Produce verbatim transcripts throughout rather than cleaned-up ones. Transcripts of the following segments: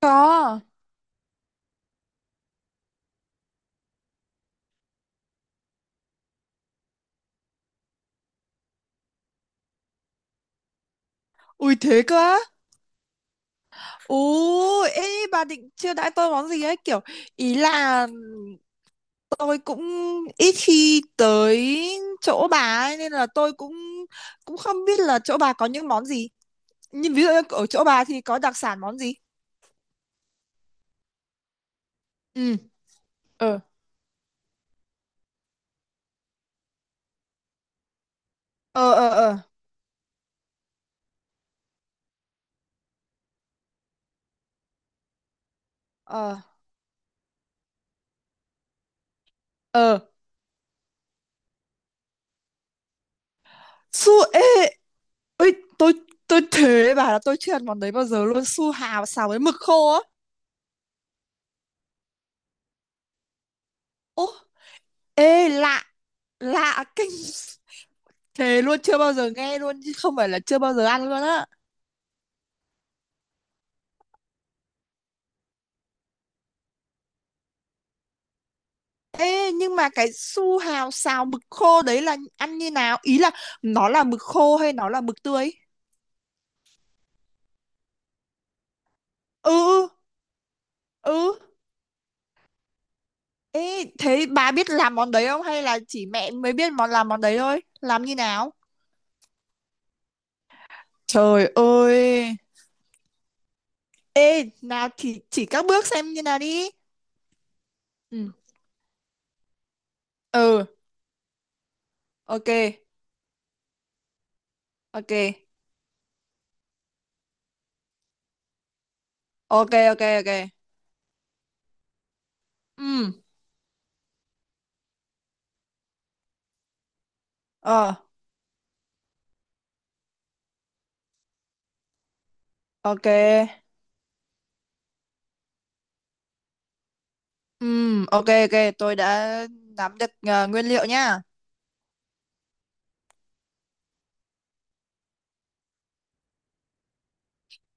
Có. Ui thế cơ á. Ồ, ê bà định chưa đãi tôi món gì ấy kiểu ý là tôi cũng ít khi tới chỗ bà ấy nên là tôi cũng cũng không biết là chỗ bà có những món gì. Nhưng ví dụ như ở chỗ bà thì có đặc sản món gì? Ừ, ờ, Ờ ờ ờ ờ ờ. su ê ơi, tôi tôi thế bà, là tôi chưa ăn món đấy bao giờ luôn, su hào xào với mực khô á. Ô, ê lạ, lạ kinh, thề luôn, chưa bao giờ nghe luôn chứ không phải là chưa bao giờ ăn luôn á. Ê nhưng mà cái su hào xào mực khô đấy là ăn như nào, ý là nó là mực khô hay nó là mực tươi? Ừ, ừ ừ. Ê thế bà biết làm món đấy không hay là chỉ mẹ mới biết món, làm món đấy thôi, làm như nào? Trời ơi. Ê nào thì chỉ các bước xem như nào đi. Ừ, ừ, ok. Ok, ok, ok. Ok, Ừ. Ờ. Ok. Ừm, ok, ok, tôi đã nắm được ờ, nguyên liệu nha.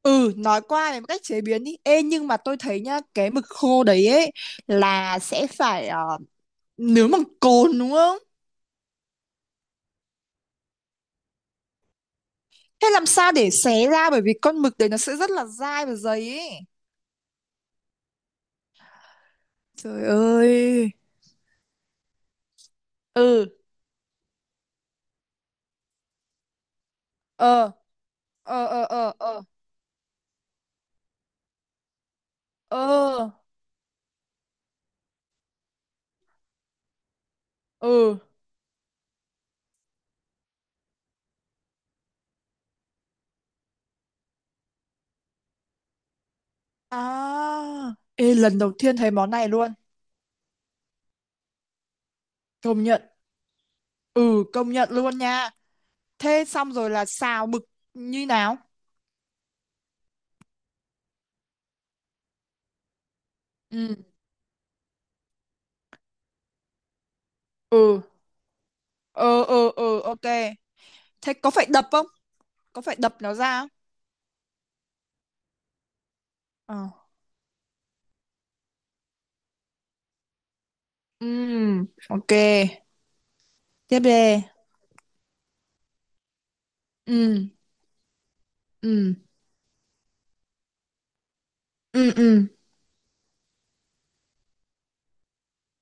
Ừ, nói qua về cách chế biến đi. Ê, nhưng mà tôi thấy nhá, cái mực khô đấy ấy là sẽ phải ờ, nướng bằng cồn đúng không? Thế làm sao để xé ra bởi vì con mực đấy nó sẽ rất là dai và dày ấy. Trời ơi. Ừ, ờ, ờ, ờ, ờ, ờ, ờ, ừ. À, ê, lần đầu tiên thấy món này luôn. Công nhận. Ừ, công nhận luôn nha. Thế xong rồi là xào mực như nào? Ừ. Ừ. Ờ ờ ờ, ok. Thế có phải đập không? Có phải đập nó ra không? Ờ. Ừ. Ok. Tiếp đi. Ừ. Ừ. Ừ ừ.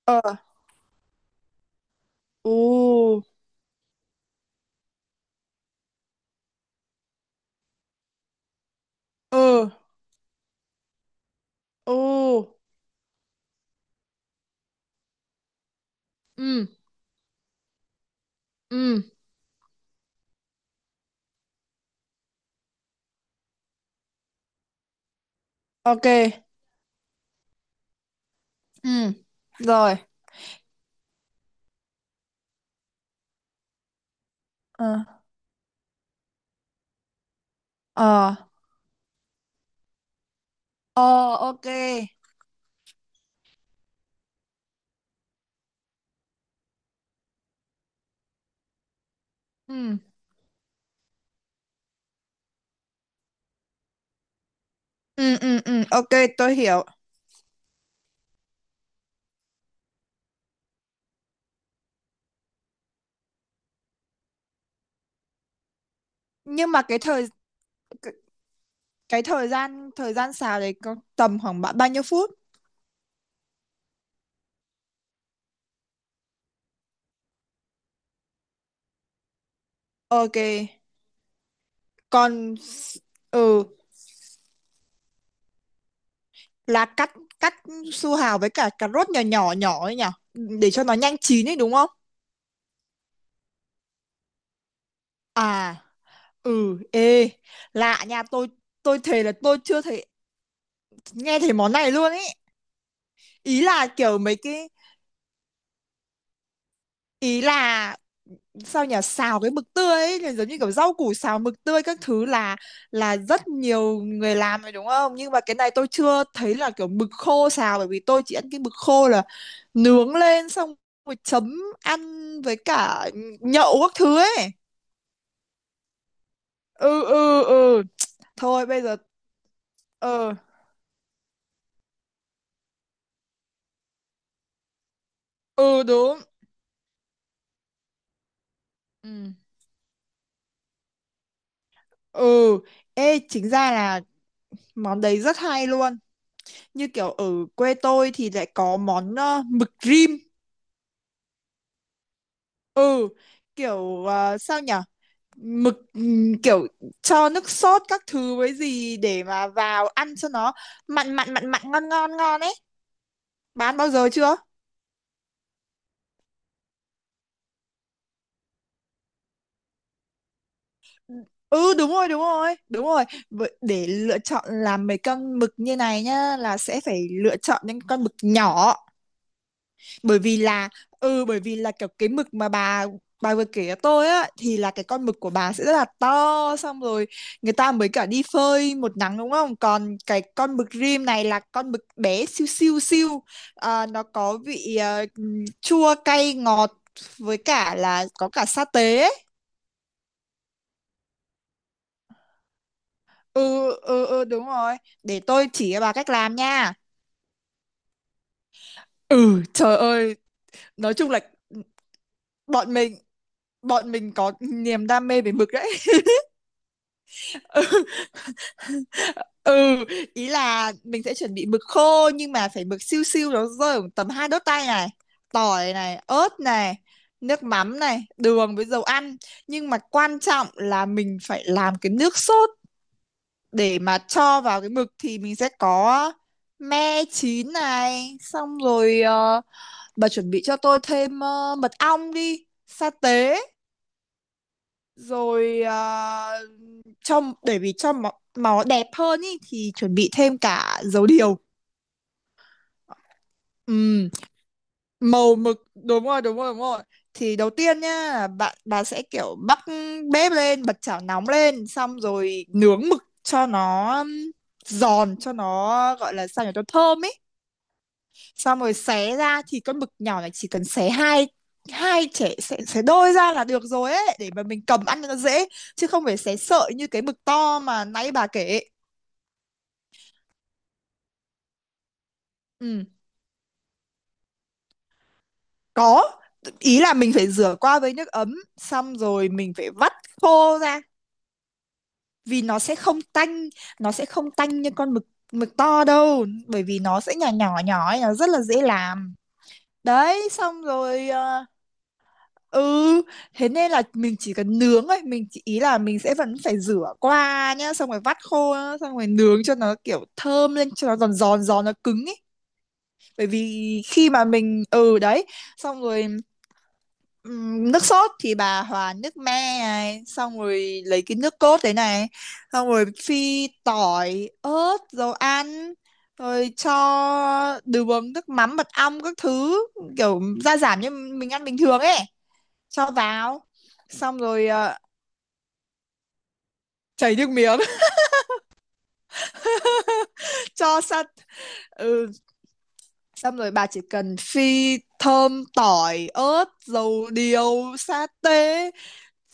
Ờ. Ừ. Ừ. Ừ. Ừ. Ừ. Ok. Ừ. Rồi. Ờ. Ờ. Ờ, ok. Ừ. Ừ ừ ừ, ok, tôi hiểu. Nhưng mà cái thời cái thời gian, thời gian xào đấy có tầm khoảng ba- bao nhiêu phút? Ok. Còn s- ừ, là cắt cắt su hào với cả cà rốt nhỏ nhỏ nhỏ ấy nhở, để cho nó nhanh chín ấy đúng không? À, ừ, ê lạ nha. Tôi tôi thề là tôi chưa thấy, nghe thấy món này luôn ấy. Ý là kiểu mấy cái, ý là sao nhỉ, xào cái mực tươi ấy là giống như kiểu rau củ xào mực tươi các thứ là là rất nhiều người làm rồi đúng không, nhưng mà cái này tôi chưa thấy là kiểu mực khô xào, bởi vì tôi chỉ ăn cái mực khô là nướng lên xong rồi chấm ăn với cả nhậu các thứ ấy. Ừ ừ ừ, thôi bây giờ. Ừ ừ, đúng. Ừ, ừ. Ê chính ra là món đấy rất hay luôn, như kiểu ở quê tôi thì lại có món ờ, mực rim. Ừ, kiểu ờ, sao nhở, mực ừm, kiểu cho nước sốt các thứ với gì để mà vào ăn cho nó mặn mặn mặn mặn ngon ngon ngon ấy. Bán bao giờ chưa? Ừ, đúng rồi, đúng rồi, đúng rồi. Vậy để lựa chọn làm mấy con mực như này nhá, là sẽ phải lựa chọn những con mực nhỏ, bởi vì là ừ, bởi vì là kiểu cái mực mà bà bà vừa kể cho tôi á thì là cái con mực của bà sẽ rất là to, xong rồi người ta mới cả đi phơi một nắng đúng không, còn cái con mực rim này là con mực bé siêu siêu siêu. Ờ, nó có vị ờ, chua cay ngọt với cả là có cả sa tế ấy. Ừ ừ ừ đúng rồi, để tôi chỉ cho bà cách làm nha. Ừ, trời ơi, nói chung là ừ, bọn mình bọn mình có niềm đam mê về mực đấy. Ừ, ý là mình sẽ chuẩn bị mực khô nhưng mà phải mực siêu siêu, nó rơi khoảng tầm hai đốt tay này, tỏi này, ớt này, nước mắm này, đường với dầu ăn. Nhưng mà quan trọng là mình phải làm cái nước sốt để mà cho vào cái mực, thì mình sẽ có me chín này, xong rồi ờ, bà chuẩn bị cho tôi thêm ờ, mật ong, đi sa tế, rồi ờ, cho để vì cho máu, máu đẹp hơn ý, thì chuẩn bị thêm cả dầu điều. Ừm, Màu mực, đúng rồi đúng rồi đúng rồi. Thì đầu tiên nhá, bạn bà sẽ kiểu bắc bếp lên, bật chảo nóng lên, xong rồi nướng mực cho nó giòn, cho nó gọi là sao nhỉ, cho thơm ấy, xong rồi xé ra. Thì con mực nhỏ này chỉ cần xé hai, hai trẻ xé, xé đôi ra là được rồi ấy, để mà mình cầm ăn cho nó dễ, chứ không phải xé sợi như cái mực to mà nãy bà kể. Ừ. Có, ý là mình phải rửa qua với nước ấm, xong rồi mình phải vắt khô ra, vì nó sẽ không tanh, nó sẽ không tanh như con mực mực to đâu, bởi vì nó sẽ nhỏ nhỏ nhỏ ấy, nó rất là dễ làm. Đấy, xong rồi ờ, ừ, thế nên là mình chỉ cần nướng thôi, mình chỉ, ý là mình sẽ vẫn phải rửa qua nhá, xong rồi vắt khô nhá, xong rồi nướng cho nó kiểu thơm lên cho nó giòn giòn giòn nó cứng ấy. Bởi vì khi mà mình ừ đấy xong rồi. Ừm, nước sốt thì bà hòa nước me này, xong rồi lấy cái nước cốt đấy này, xong rồi phi tỏi ớt dầu ăn, rồi cho đường, nước mắm, mật ong các thứ, kiểu gia giảm như mình ăn bình thường ấy, cho vào. Xong rồi ờ, chảy nước miếng. Cho sắt. Ừ. Xong rồi bà chỉ cần phi thơm tỏi ớt dầu điều sa tế,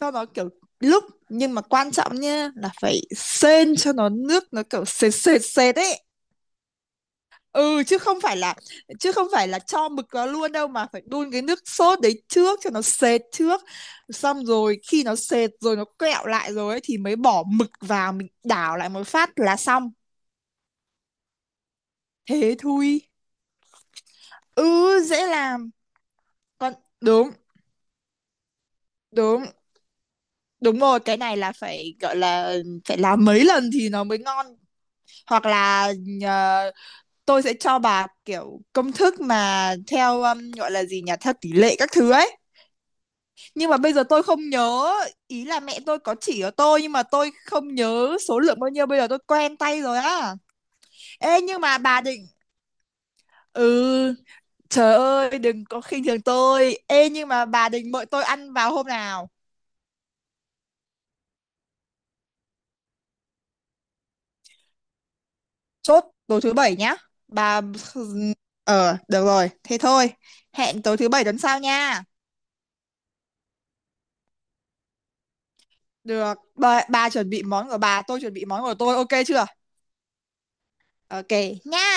sau đó kiểu lúc, nhưng mà quan trọng nha là phải sên cho nó nước nó kiểu sệt sệt sệt ấy. Ừ, chứ không phải là chứ không phải là cho mực vào luôn đâu, mà phải đun cái nước sốt đấy trước cho nó sệt trước, xong rồi khi nó sệt rồi nó kẹo lại rồi ấy thì mới bỏ mực vào, mình đảo lại một phát là xong, thế thôi. Ừ, dễ làm. Còn đúng, đúng, đúng rồi, cái này là phải gọi là phải làm mấy lần thì nó mới ngon, hoặc là ờ, tôi sẽ cho bà kiểu công thức mà theo um, gọi là gì nhỉ, theo tỷ lệ các thứ ấy. Nhưng mà bây giờ tôi không nhớ, ý là mẹ tôi có chỉ cho tôi nhưng mà tôi không nhớ số lượng bao nhiêu, bây giờ tôi quen tay rồi á. Ê nhưng mà bà định, ừ trời ơi, đừng có khinh thường tôi. Ê nhưng mà bà định mời tôi ăn vào hôm nào? Chốt tối thứ bảy nhá bà. Ờ được rồi, thế thôi, hẹn tối thứ bảy tuần sau nha. Được bà, bà chuẩn bị món của bà, tôi chuẩn bị món của tôi, ok chưa? Ok nha.